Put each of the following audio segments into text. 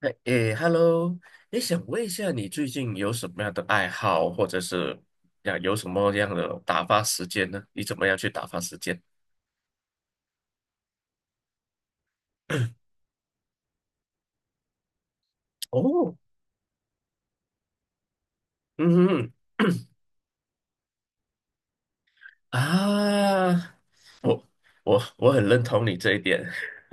哎诶，Hello，你想问一下，你最近有什么样的爱好，或者是呀有什么样的打发时间呢？你怎么样去打发时间？哦，嗯哼 啊，我我很认同你这一点。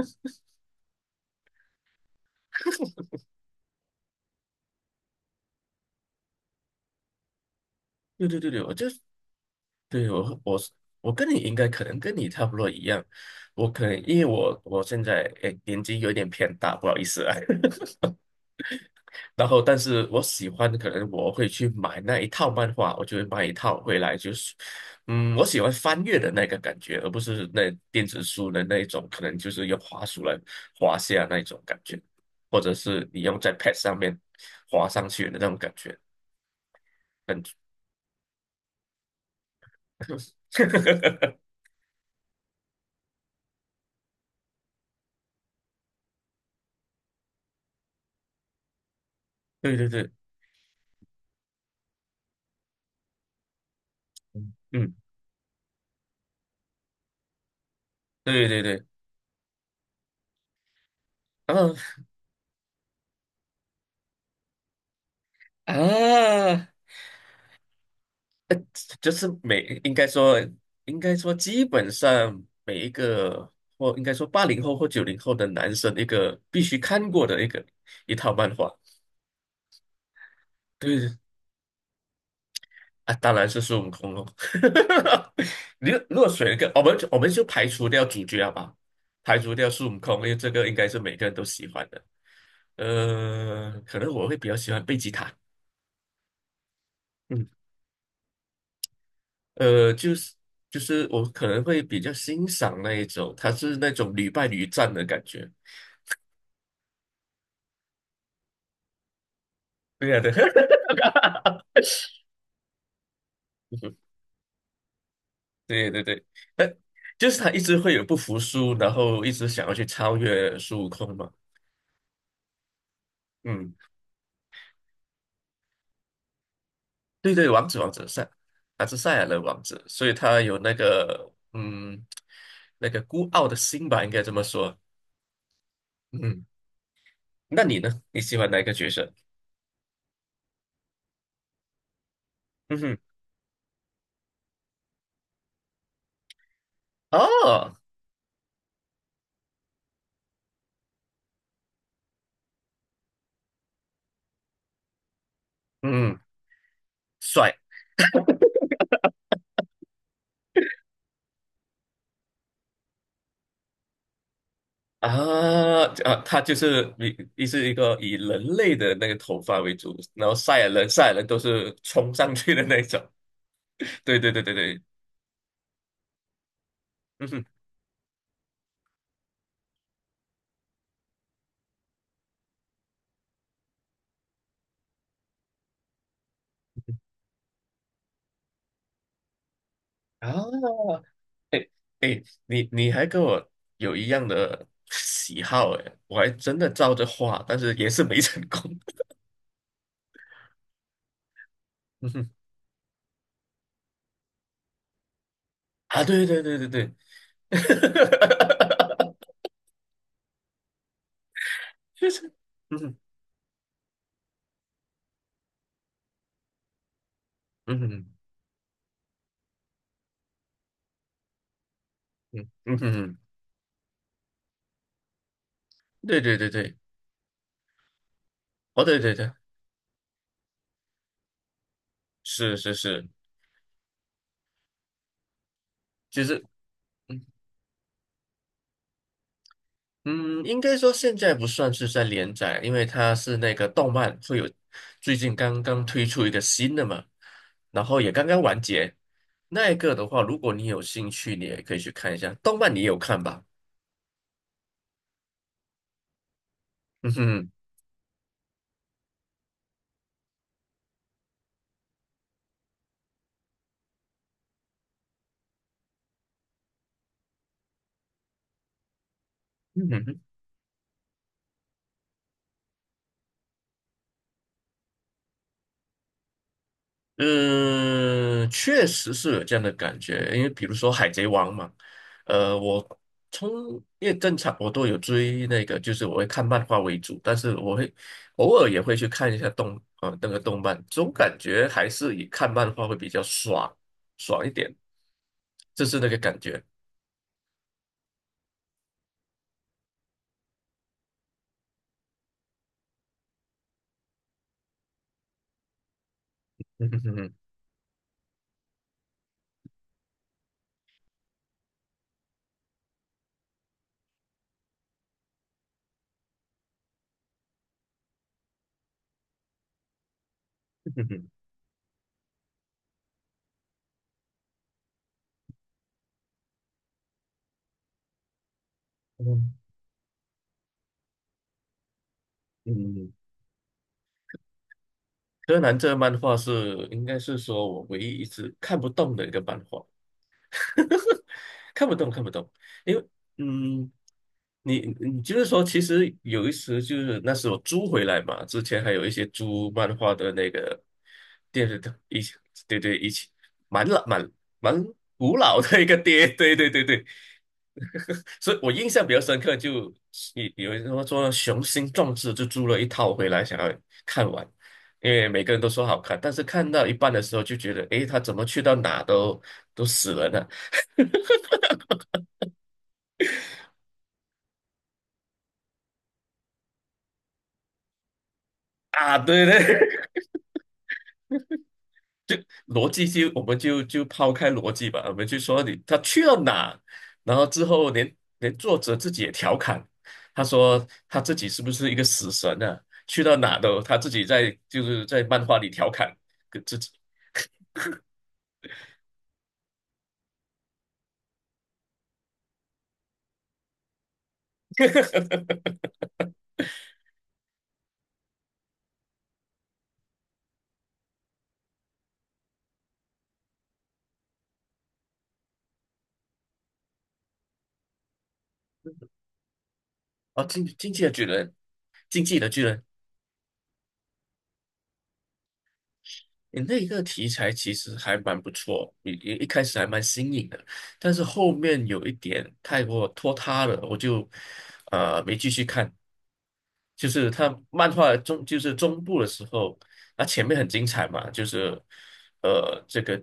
对对对对，对我跟你应该可能跟你差不多一样，我可能因为我现在年纪有点偏大，不好意思啊。然后，但是我喜欢，可能我会去买那一套漫画，我就会买一套回来，就是，我喜欢翻阅的那个感觉，而不是那电子书的那一种，可能就是用滑鼠来滑下那一种感觉，或者是你用在 Pad 上面滑上去的那种感觉，感觉，对对对，嗯，对对对，然后啊。就是每应该说基本上每一个或应该说80后或90后的男生一个必须看过的一个一套漫画，对啊，当然是孙悟空喽。你如果选一个，我们就排除掉主角好不好？排除掉孙悟空，因为这个应该是每个人都喜欢的。可能我会比较喜欢贝吉塔，嗯，呃，就是就是我可能会比较欣赏那一种，他是那种屡败屡战的感觉。对呀、对，对对对，呃，就是他一直会有不服输，然后一直想要去超越孙悟空嘛。嗯，对对，王子王子赛，他是赛亚人王子，所以他有那个孤傲的心吧，应该这么说。嗯，那你呢？你喜欢哪一个角色？嗯哼，哦，嗯，帅啊啊，他就是一个以人类的那个头发为主，然后赛亚人都是冲上去的那一种。对对对对对，嗯哼，啊，哎哎，你还跟我有一样的喜好哎，我还真的照着画，但是也是没成功。嗯哼，啊，对对对对对，就是嗯哼嗯哼嗯嗯哼，对对对对，哦对对对，是是是，其实嗯嗯，应该说现在不算是在连载，因为它是那个动漫会有最近刚刚推出一个新的嘛，然后也刚刚完结。那一个的话，如果你有兴趣，你也可以去看一下。动漫你也有看吧？嗯哼，嗯哼，嗯，确实是有这样的感觉。因为比如说《海贼王》嘛，呃，我从因为正常我都有追那个，就是我会看漫画为主，但是我会偶尔也会去看一下那个动漫，总感觉还是以看漫画会比较爽一点，就是那个感觉。嗯哼哼哼，嗯哼哼嗯。柯南这个漫画应该是说我唯一一直看不懂的一个漫画。看不懂，看不懂，因为嗯，你就是说，其实有一时就是那时候租回来嘛，之前还有一些租漫画的那个电视的一起，对对，一起蛮老蛮蛮古老的一个爹，对对对对，所以我印象比较深刻就，有人说雄心壮志就租了一套回来，想要看完，因为每个人都说好看，但是看到一半的时候就觉得，诶，他怎么去到哪都死人了呢？啊，对对，逻辑就我们就抛开逻辑吧，我们就说他去了哪，然后之后连作者自己也调侃，他说他自己是不是一个死神啊？去到哪都他自己在就是在漫画里调侃跟自己。哦，进击的巨人，进击的巨人你那一个题材其实还蛮不错，一开始还蛮新颖的，但是后面有一点太过拖沓了，我就没继续看。就是他漫画中就是中部的时候，那前面很精彩嘛，就是这个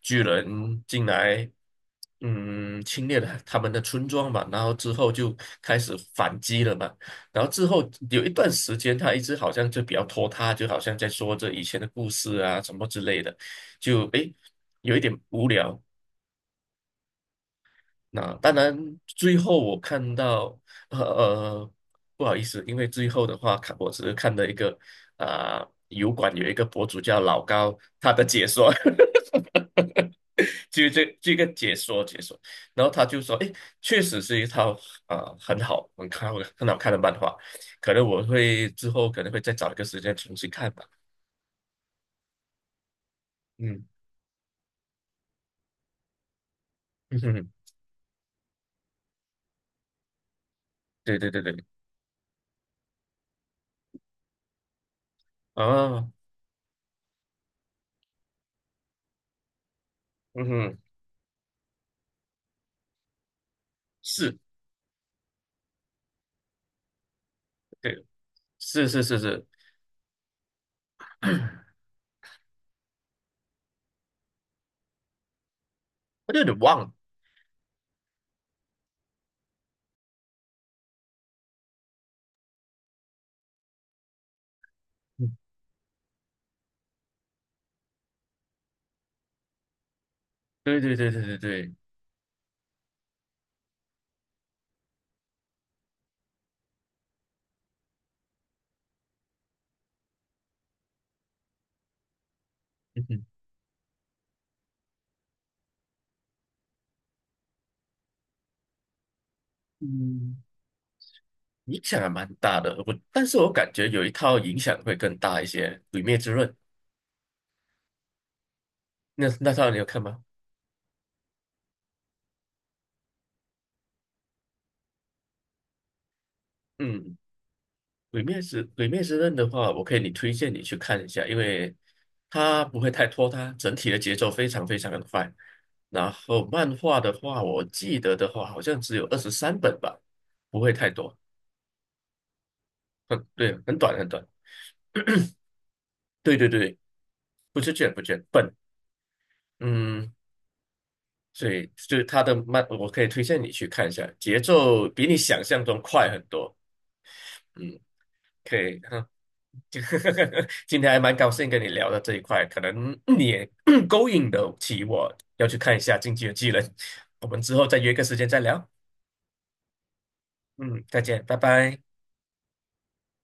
巨人进来，侵略了他们的村庄嘛，然后之后就开始反击了嘛，然后之后有一段时间，他一直好像就比较拖沓，就好像在说着以前的故事啊什么之类的，就有一点无聊。那当然，最后我看到，呃呃不好意思，因为最后的话，我只是看了一个啊、油管有一个博主叫老高，他的解说，就这个解说，然后他就说，哎，确实是一套啊、很好，很好看的漫画，可能我会之后可能会再找一个时间重新看吧。嗯嗯哼，对对对对，啊，嗯哼，是，对，是是是是，我有点忘了。嗯对对对对对对，嗯哼，嗯，影响还蛮大的。但是我感觉有一套影响会更大一些，《鬼灭之刃》那套你有看吗？嗯，《鬼灭之刃》的话，我可以推荐你去看一下，因为它不会太拖沓，整体的节奏非常非常的快。然后漫画的话，我记得的话好像只有23本吧，不会太多，很对，很短很短。对对对，不是卷不卷，本。嗯，所以就是他的慢，我可以推荐你去看一下，节奏比你想象中快很多。嗯，可以，哈，今天还蛮高兴跟你聊到这一块，可能你也 勾引得起我要去看一下《进击的技能。我们之后再约个时间再聊。嗯，再见，拜拜。